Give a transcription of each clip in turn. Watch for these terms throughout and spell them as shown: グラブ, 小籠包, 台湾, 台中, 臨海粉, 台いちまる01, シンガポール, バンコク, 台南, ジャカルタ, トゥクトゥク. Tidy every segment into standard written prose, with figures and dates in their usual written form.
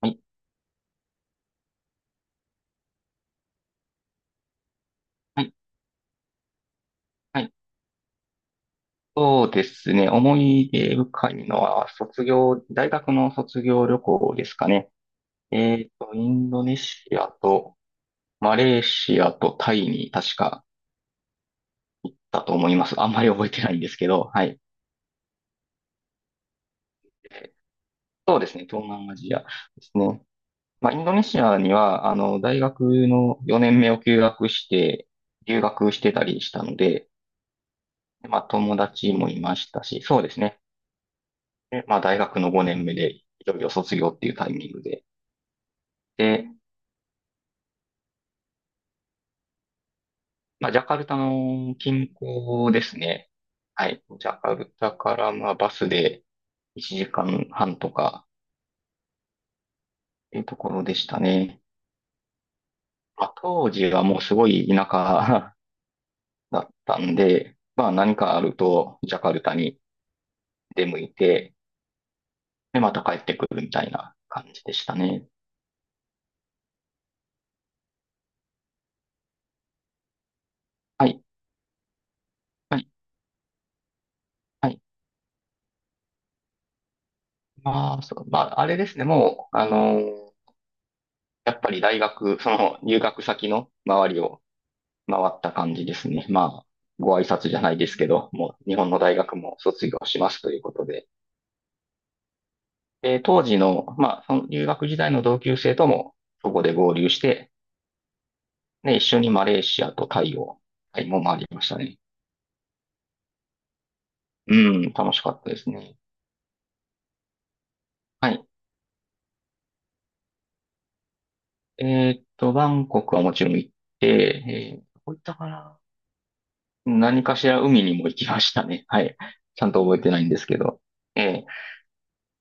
はい、はい、はい。そうですね。思い出深いのは、卒業、大学の卒業旅行ですかね。インドネシアと、マレーシアとタイに確かだと思います。あんまり覚えてないんですけど、はい。そうですね。東南アジアですね。まあ、インドネシアには、大学の4年目を休学して、留学してたりしたので、でまあ、友達もいましたし、そうですね。でまあ、大学の5年目で、いよいよ卒業っていうタイミングで、で、まあ、ジャカルタの近郊ですね。はい。ジャカルタから、まあ、バスで1時間半とかっていうところでしたね。まあ、当時はもうすごい田舎 だったんで、まあ、何かあると、ジャカルタに出向いて、で、また帰ってくるみたいな感じでしたね。はい。はい。はい。まあ、そう、まあ、あれですね。もう、やっぱり大学、その入学先の周りを回った感じですね。まあ、ご挨拶じゃないですけど、もう日本の大学も卒業しますということで。で、当時の、まあ、その留学時代の同級生とも、そこで合流して、ね、一緒にマレーシアとタイを、タイも回りましたね。うん、楽しかったですね。はい。えバンコクはもちろん行って、どこ行ったかな。何かしら海にも行きましたね。はい。ちゃんと覚えてないんですけど。え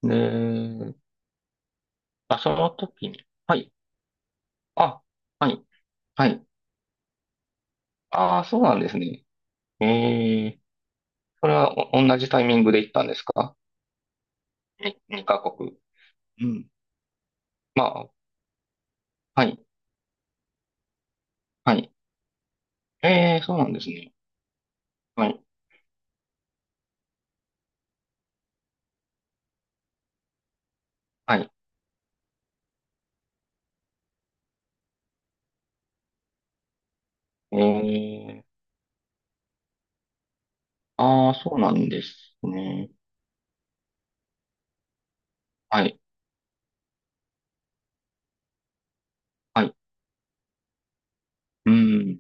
で、あ、その時に、はい。あ、はい。はい。ああ、そうなんですね。ええ、それはお同じタイミングで行ったんですか？に二カ国。うん。まあ、はい、はい。えそうなんですね。はい、はい。ええ、ああ、そうなんですね。はい、はい。うん。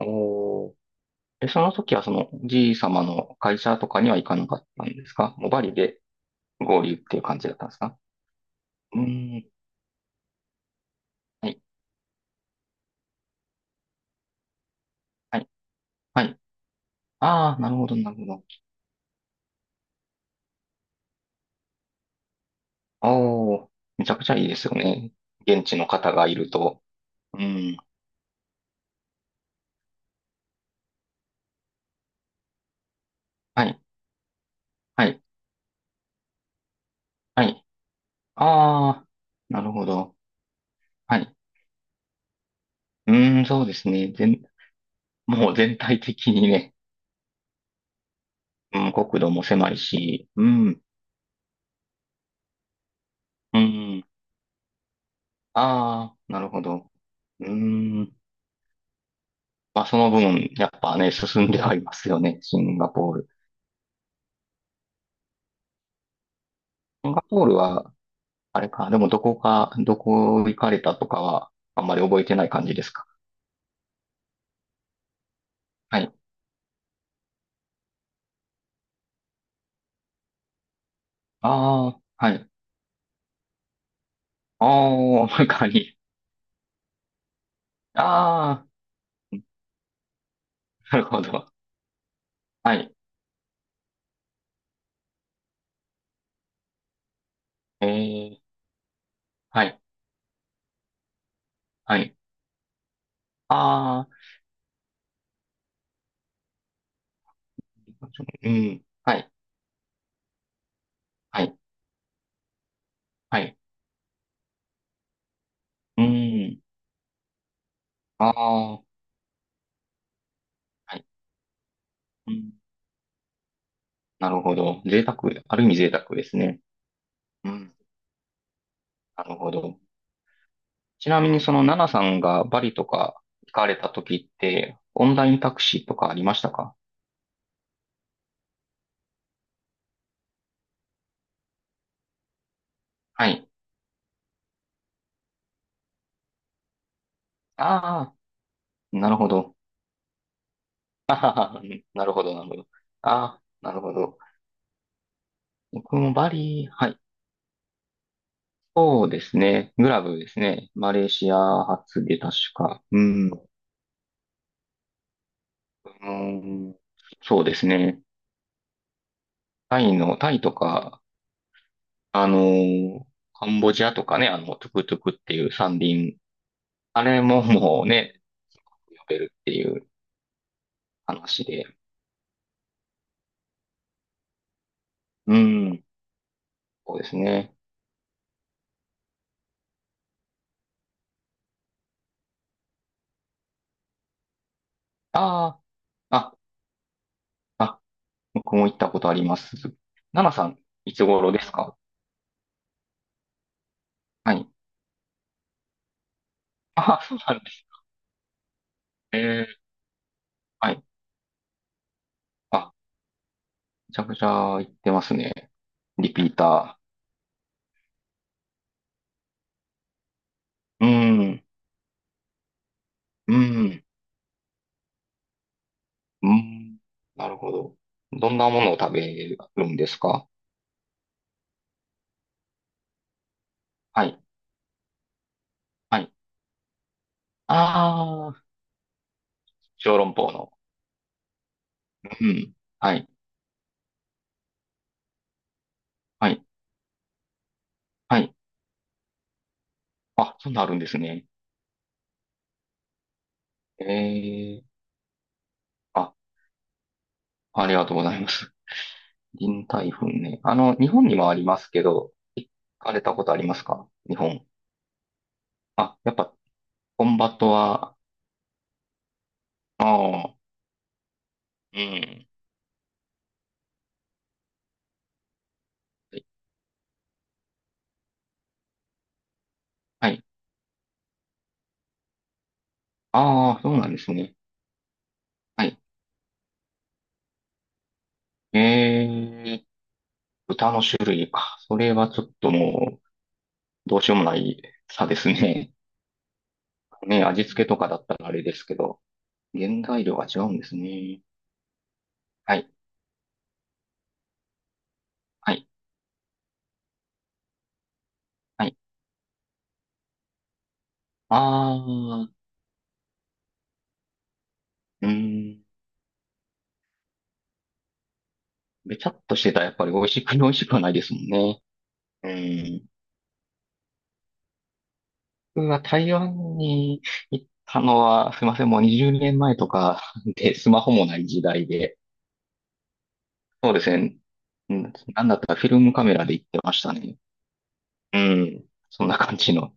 おー。え、その時はその、じい様の会社とかには行かなかったんですか？もうバリで合流っていう感じだったんですか？うーん。はい、はい、はい。ああ、なるほど、なるほど。ああ、めちゃくちゃいいですよね。現地の方がいると。うん。はい、はい、はい。ああ、なるほど。はい。うん、そうですね。全、もう全体的にね、うん、国土も狭いし、うん、うん。ああ、なるほど。うん。まあ、その分、やっぱね、進んではいますよね。シンガポール。シンガポールは、あれか、でもどこか、どこ行かれたとかは、あんまり覚えてない感じですか。はい。ああ、はい。ああ、中に。あー、なるほど。はい。えー、はい、はい。あー、うん。はい、はい、はい。うん。あー、はい。うん。なるほど。贅沢、ある意味贅沢ですね。うん。なるほど。ちなみに、その、ナナさんがバリとか行かれた時って、オンラインタクシーとかありましたか？はい。ああ、なるほど。あはははなるほど、なるほど。ああ、なるほど。僕もバリ、はい。そうですね。グラブですね。マレーシア発で確か。うん。うーん、そうですね。タイの、タイとか、あのーカンボジアとかね、あの、トゥクトゥクっていう三輪。あれももうね、呼べるっていう話で。うん。そうですね。ああ、あ、あ、僕も行ったことあります。ナナさん、いつ頃ですか？はい。ああ、そうなんですね。はい。あ、めちゃくちゃ行ってますね。リピーター。うん、うん、うん。なるほど。どんなものを食べるんですか？はい、はい。ああ、小籠包の。うん、はい、はい、はい。あ、そんなあるんですね。ええあ、ありがとうございます。臨海粉ね。日本にもありますけど、行かれたことありますか？日本。あ、やっぱ、コンバットは、ああ、うん。はい。ああ、そうなんですね。はい。ええ豚の種類か。それはちょっともう、どうしようもない差ですね。ね、味付けとかだったらあれですけど、原材料が違うんですね。はい、はい、はい。あー、うーん。べちゃっとしてたらやっぱり美味しく、美味しくはないですもんね。うん。僕は台湾に行ったのは、すいません、もう20年前とか で、スマホもない時代で。そうですね。うん、なんだったらフィルムカメラで行ってましたね。うん。そんな感じの。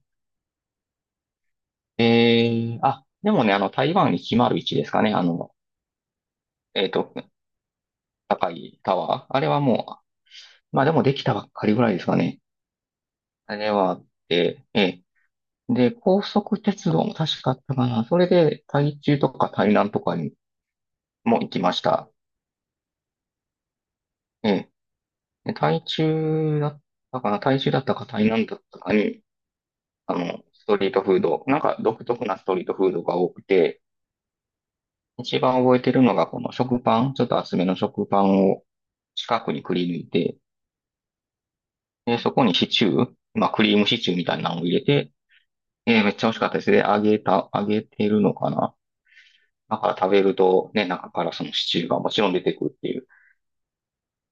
あ、でもね、あの、台湾いちまる0 1ですかね。えっと、高いタワー。あれはもう、まあでもできたばっかりぐらいですかね。あれはあって、で、高速鉄道も確かあったかな。それで、台中とか台南とかにも行きました。ええで台中だったかな、台中だったか台南だったかに、あの、ストリートフード、なんか独特なストリートフードが多くて、一番覚えてるのがこの食パン、ちょっと厚めの食パンを四角にくり抜いて、そこにシチュー、まあ、クリームシチューみたいなのを入れて、めっちゃ美味しかったですね。揚げた、揚げてるのかな。だから食べると、ね、中からそのシチューがもちろん出てくるっていう。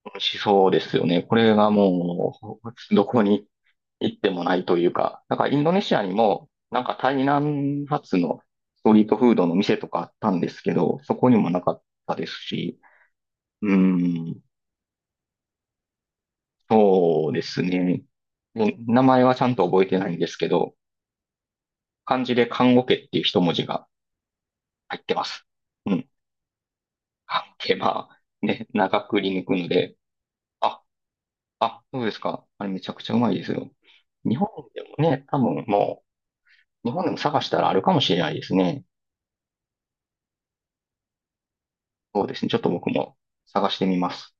美味しそうですよね。これがもう、どこに行ってもないというか。だからインドネシアにも、なんか台南発のストリートフードの店とかあったんですけど、そこにもなかったですし、うーん、そうですね。で名前はちゃんと覚えてないんですけど、漢字で看護家っていう一文字が、入ってます。うん。あ、手間、ね、長くり抜くので、あ、あ、そうですか。あれめちゃくちゃうまいですよ。日本でもね、多分もう、日本でも探したらあるかもしれないですね。そうですね。ちょっと僕も探してみます。